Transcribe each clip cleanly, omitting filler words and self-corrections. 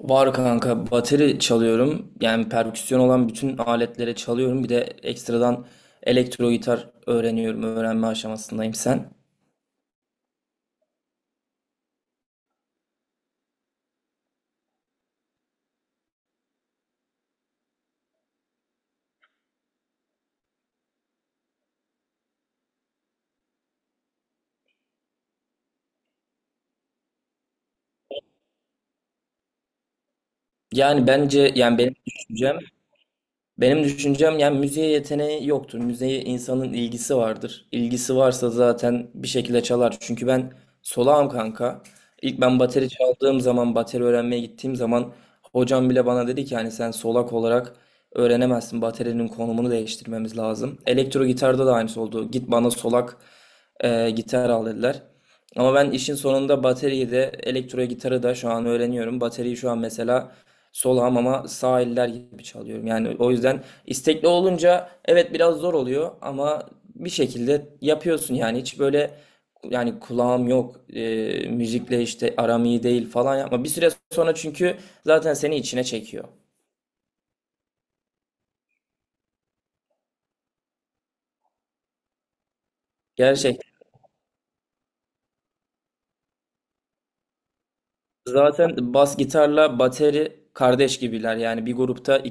Var kanka, bateri çalıyorum. Yani perküsyon olan bütün aletlere çalıyorum. Bir de ekstradan elektro gitar öğreniyorum. Öğrenme aşamasındayım sen. Yani bence yani benim düşüncem. Benim düşüncem, yani müziğe yeteneği yoktur. Müziğe insanın ilgisi vardır. İlgisi varsa zaten bir şekilde çalar. Çünkü ben solağım kanka. İlk ben bateri çaldığım zaman, bateri öğrenmeye gittiğim zaman hocam bile bana dedi ki hani sen solak olarak öğrenemezsin. Baterinin konumunu değiştirmemiz lazım. Elektro gitarda da aynısı oldu. Git bana solak gitar al dediler. Ama ben işin sonunda bateriyi de elektro gitarı da şu an öğreniyorum. Bateriyi şu an mesela sol hamama sağ eller gibi çalıyorum. Yani o yüzden istekli olunca evet biraz zor oluyor ama bir şekilde yapıyorsun. Yani hiç böyle yani kulağım yok, müzikle işte aram iyi değil falan yapma. Bir süre sonra çünkü zaten seni içine çekiyor. Gerçek. Zaten bas gitarla bateri kardeş gibiler yani bir grupta.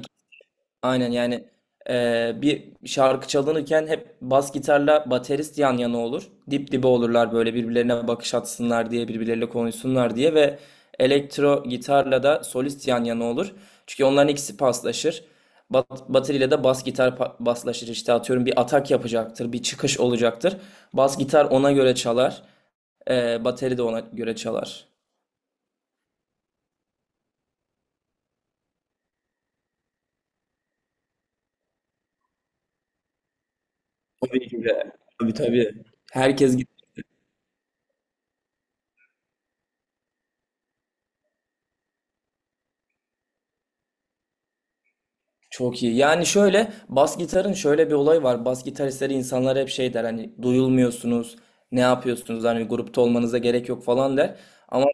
Aynen yani, bir şarkı çalınırken hep bas gitarla baterist yan yana olur. Dip dibe olurlar böyle, birbirlerine bakış atsınlar diye, birbirleriyle konuşsunlar diye. Ve elektro gitarla da solist yan yana olur. Çünkü onların ikisi paslaşır. Bateriyle de bas gitar paslaşır. İşte atıyorum, bir atak yapacaktır, bir çıkış olacaktır. Bas gitar ona göre çalar. Bateri de ona göre çalar. Tabii ki de. Tabii, tabii. Herkes. Çok iyi. Yani şöyle, bas gitarın şöyle bir olayı var. Bas gitaristleri insanlar hep şey der, hani duyulmuyorsunuz, ne yapıyorsunuz, hani grupta olmanıza gerek yok falan der. Ama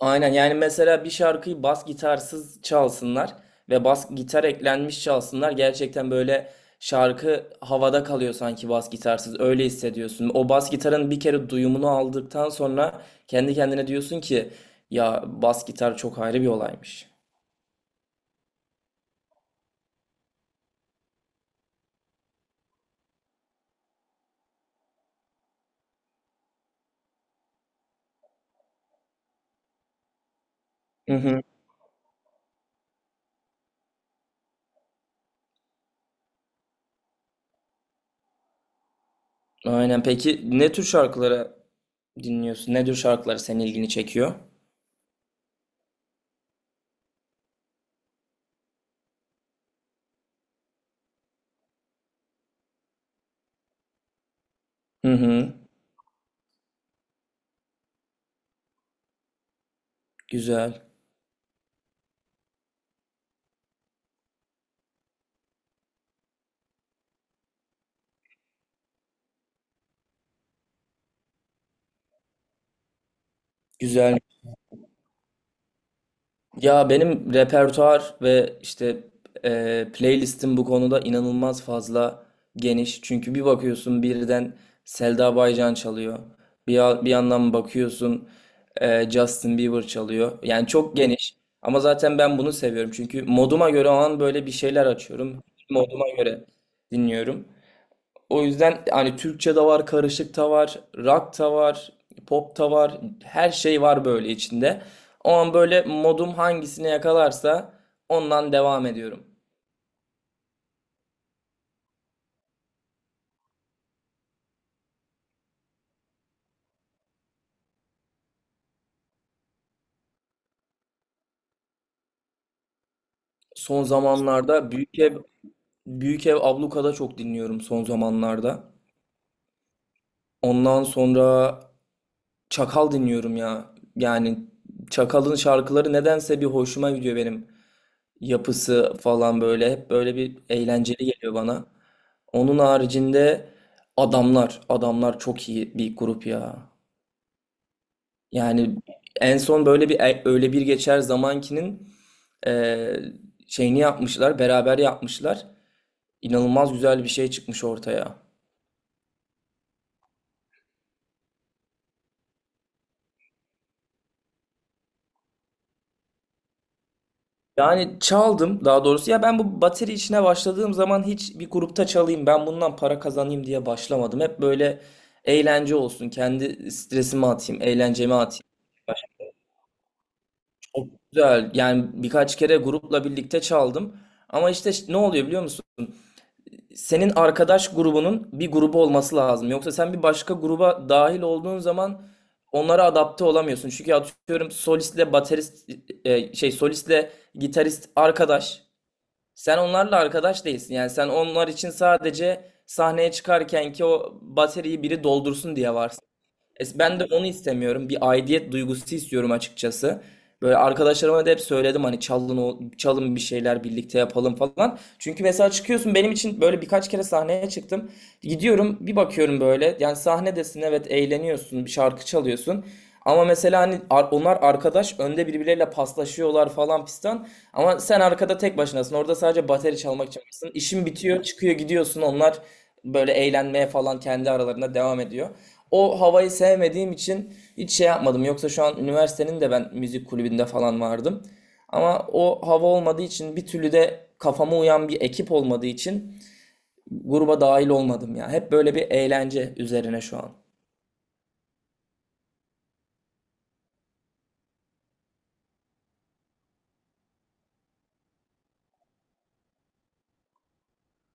aynen yani, mesela bir şarkıyı bas gitarsız çalsınlar ve bas gitar eklenmiş çalsınlar. Gerçekten böyle şarkı havada kalıyor sanki bas gitarsız. Öyle hissediyorsun. O bas gitarın bir kere duyumunu aldıktan sonra kendi kendine diyorsun ki ya, bas gitar çok ayrı bir olaymış. Aynen. Peki ne tür şarkıları dinliyorsun? Ne tür şarkıları senin ilgini çekiyor? Hı hı. Güzel. Güzel. Ya, benim repertuar ve işte playlistim bu konuda inanılmaz fazla geniş. Çünkü bir bakıyorsun birden Selda Baycan çalıyor. Bir, bir yandan bakıyorsun Justin Bieber çalıyor. Yani çok geniş. Ama zaten ben bunu seviyorum. Çünkü moduma göre o an böyle bir şeyler açıyorum. Moduma göre dinliyorum. O yüzden hani Türkçe de var, karışık da var, rock da var, pop da var. Her şey var böyle içinde. O an böyle modum hangisine yakalarsa ondan devam ediyorum. Son zamanlarda Büyük Ev, Büyük Ev Abluka'da çok dinliyorum son zamanlarda. Ondan sonra Çakal dinliyorum ya. Yani Çakal'ın şarkıları nedense bir hoşuma gidiyor benim. Yapısı falan böyle hep böyle bir eğlenceli geliyor bana. Onun haricinde adamlar, adamlar çok iyi bir grup ya. Yani en son böyle bir öyle bir geçer zamankinin e, şeyini yapmışlar, beraber yapmışlar. İnanılmaz güzel bir şey çıkmış ortaya. Yani çaldım, daha doğrusu ya ben bu bateri işine başladığım zaman hiç bir grupta çalayım, ben bundan para kazanayım diye başlamadım. Hep böyle eğlence olsun, kendi stresimi atayım, eğlencemi atayım. Çok güzel. Yani birkaç kere grupla birlikte çaldım. Ama işte ne oluyor biliyor musun? Senin arkadaş grubunun bir grubu olması lazım. Yoksa sen bir başka gruba dahil olduğun zaman onlara adapte olamıyorsun. Çünkü atıyorum solistle baterist, solistle gitarist arkadaş. Sen onlarla arkadaş değilsin. Yani sen onlar için sadece sahneye çıkarken ki o bateriyi biri doldursun diye. Ben de onu istemiyorum. Bir aidiyet duygusu istiyorum açıkçası. Böyle arkadaşlarıma da hep söyledim hani çalın o, çalın bir şeyler birlikte yapalım falan. Çünkü mesela çıkıyorsun, benim için böyle birkaç kere sahneye çıktım. Gidiyorum, bir bakıyorum böyle, yani sahnedesin, evet eğleniyorsun, bir şarkı çalıyorsun. Ama mesela hani onlar arkadaş önde birbirleriyle paslaşıyorlar falan pistan. Ama sen arkada tek başınasın, orada sadece bateri çalmak için varsın. İşin bitiyor, çıkıyor gidiyorsun, onlar böyle eğlenmeye falan kendi aralarında devam ediyor. O havayı sevmediğim için hiç şey yapmadım. Yoksa şu an üniversitenin de ben müzik kulübünde falan vardım. Ama o hava olmadığı için, bir türlü de kafama uyan bir ekip olmadığı için gruba dahil olmadım ya. Hep böyle bir eğlence üzerine şu an.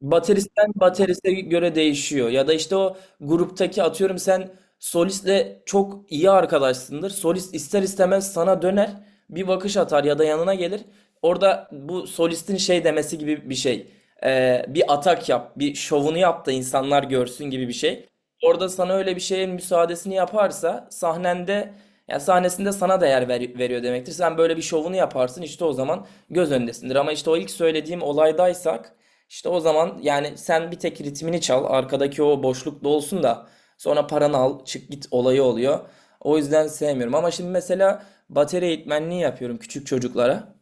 Bateristen bateriste göre değişiyor. Ya da işte o gruptaki atıyorum sen solistle çok iyi arkadaşsındır. Solist ister istemez sana döner, bir bakış atar ya da yanına gelir. Orada bu solistin şey demesi gibi bir şey. Bir atak yap, bir şovunu yap da insanlar görsün gibi bir şey. Orada sana öyle bir şeyin müsaadesini yaparsa sahnende, ya sahnesinde sana değer veriyor demektir. Sen böyle bir şovunu yaparsın, işte o zaman göz önündesindir. Ama işte o ilk söylediğim olaydaysak işte o zaman yani sen bir tek ritmini çal, arkadaki o boşluk dolsun da sonra paranı al, çık git olayı oluyor. O yüzden sevmiyorum. Ama şimdi mesela bateri eğitmenliği yapıyorum küçük çocuklara.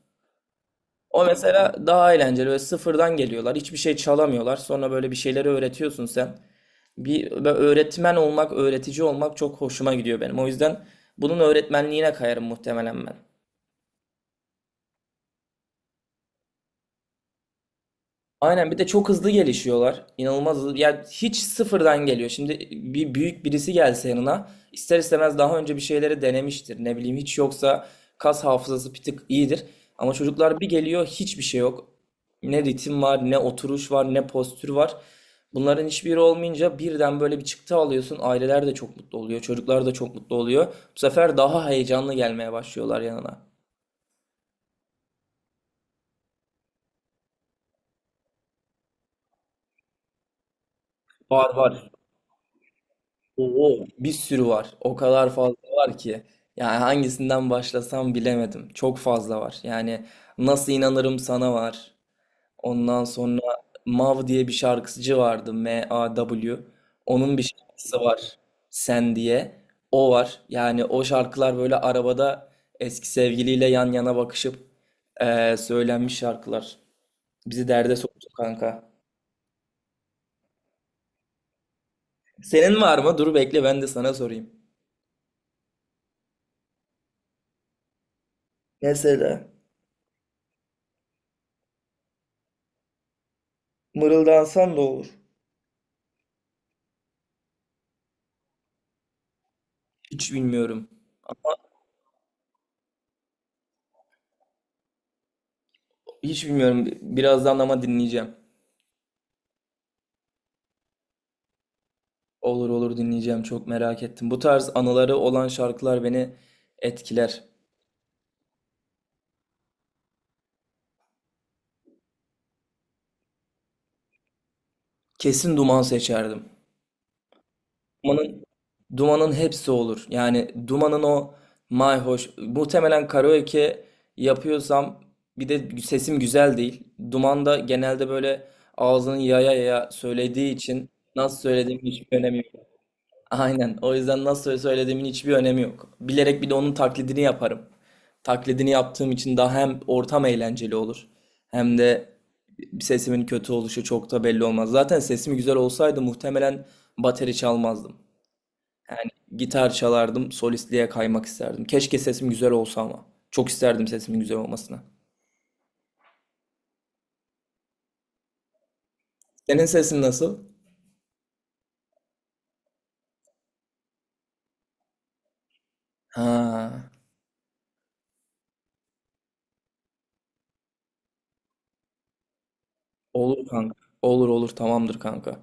O mesela daha eğlenceli ve sıfırdan geliyorlar. Hiçbir şey çalamıyorlar. Sonra böyle bir şeyleri öğretiyorsun sen. Bir böyle öğretmen olmak, öğretici olmak çok hoşuma gidiyor benim. O yüzden bunun öğretmenliğine kayarım muhtemelen ben. Aynen, bir de çok hızlı gelişiyorlar. İnanılmaz hızlı. Yani hiç sıfırdan geliyor. Şimdi bir büyük birisi gelse yanına ister istemez daha önce bir şeyleri denemiştir. Ne bileyim, hiç yoksa kas hafızası bir tık iyidir. Ama çocuklar bir geliyor, hiçbir şey yok. Ne ritim var, ne oturuş var, ne postür var. Bunların hiçbiri olmayınca birden böyle bir çıktı alıyorsun. Aileler de çok mutlu oluyor. Çocuklar da çok mutlu oluyor. Bu sefer daha heyecanlı gelmeye başlıyorlar yanına. Var, var. Oo, bir sürü var. O kadar fazla var ki. Yani hangisinden başlasam bilemedim. Çok fazla var. Yani Nasıl İnanırım Sana var. Ondan sonra Mav diye bir şarkıcı vardı. MAW. Onun bir şarkısı var. Sen diye. O var. Yani o şarkılar böyle arabada eski sevgiliyle yan yana bakışıp, söylenmiş şarkılar. Bizi derde soktu kanka. Senin var mı? Dur bekle, ben de sana sorayım. Mesela mırıldansan da olur. Hiç bilmiyorum. Hiç bilmiyorum. Birazdan ama dinleyeceğim. Olur, olur, dinleyeceğim. Çok merak ettim. Bu tarz anıları olan şarkılar beni etkiler. Kesin Duman seçerdim. Duman'ın Duman'ın hepsi olur. Yani Duman'ın o mayhoş, muhtemelen karaoke yapıyorsam, bir de sesim güzel değil. Duman da genelde böyle ağzını yaya yaya söylediği için nasıl söylediğim hiçbir önemi. Aynen. O yüzden nasıl söylediğimin hiçbir önemi yok. Bilerek bir de onun taklidini yaparım. Taklidini yaptığım için daha hem ortam eğlenceli olur, hem de sesimin kötü oluşu çok da belli olmaz. Zaten sesim güzel olsaydı muhtemelen bateri çalmazdım. Gitar çalardım, solistliğe kaymak isterdim. Keşke sesim güzel olsa ama. Çok isterdim sesimin güzel olmasına. Senin sesin nasıl? Ha, olur kanka. Olur, olur, tamamdır kanka.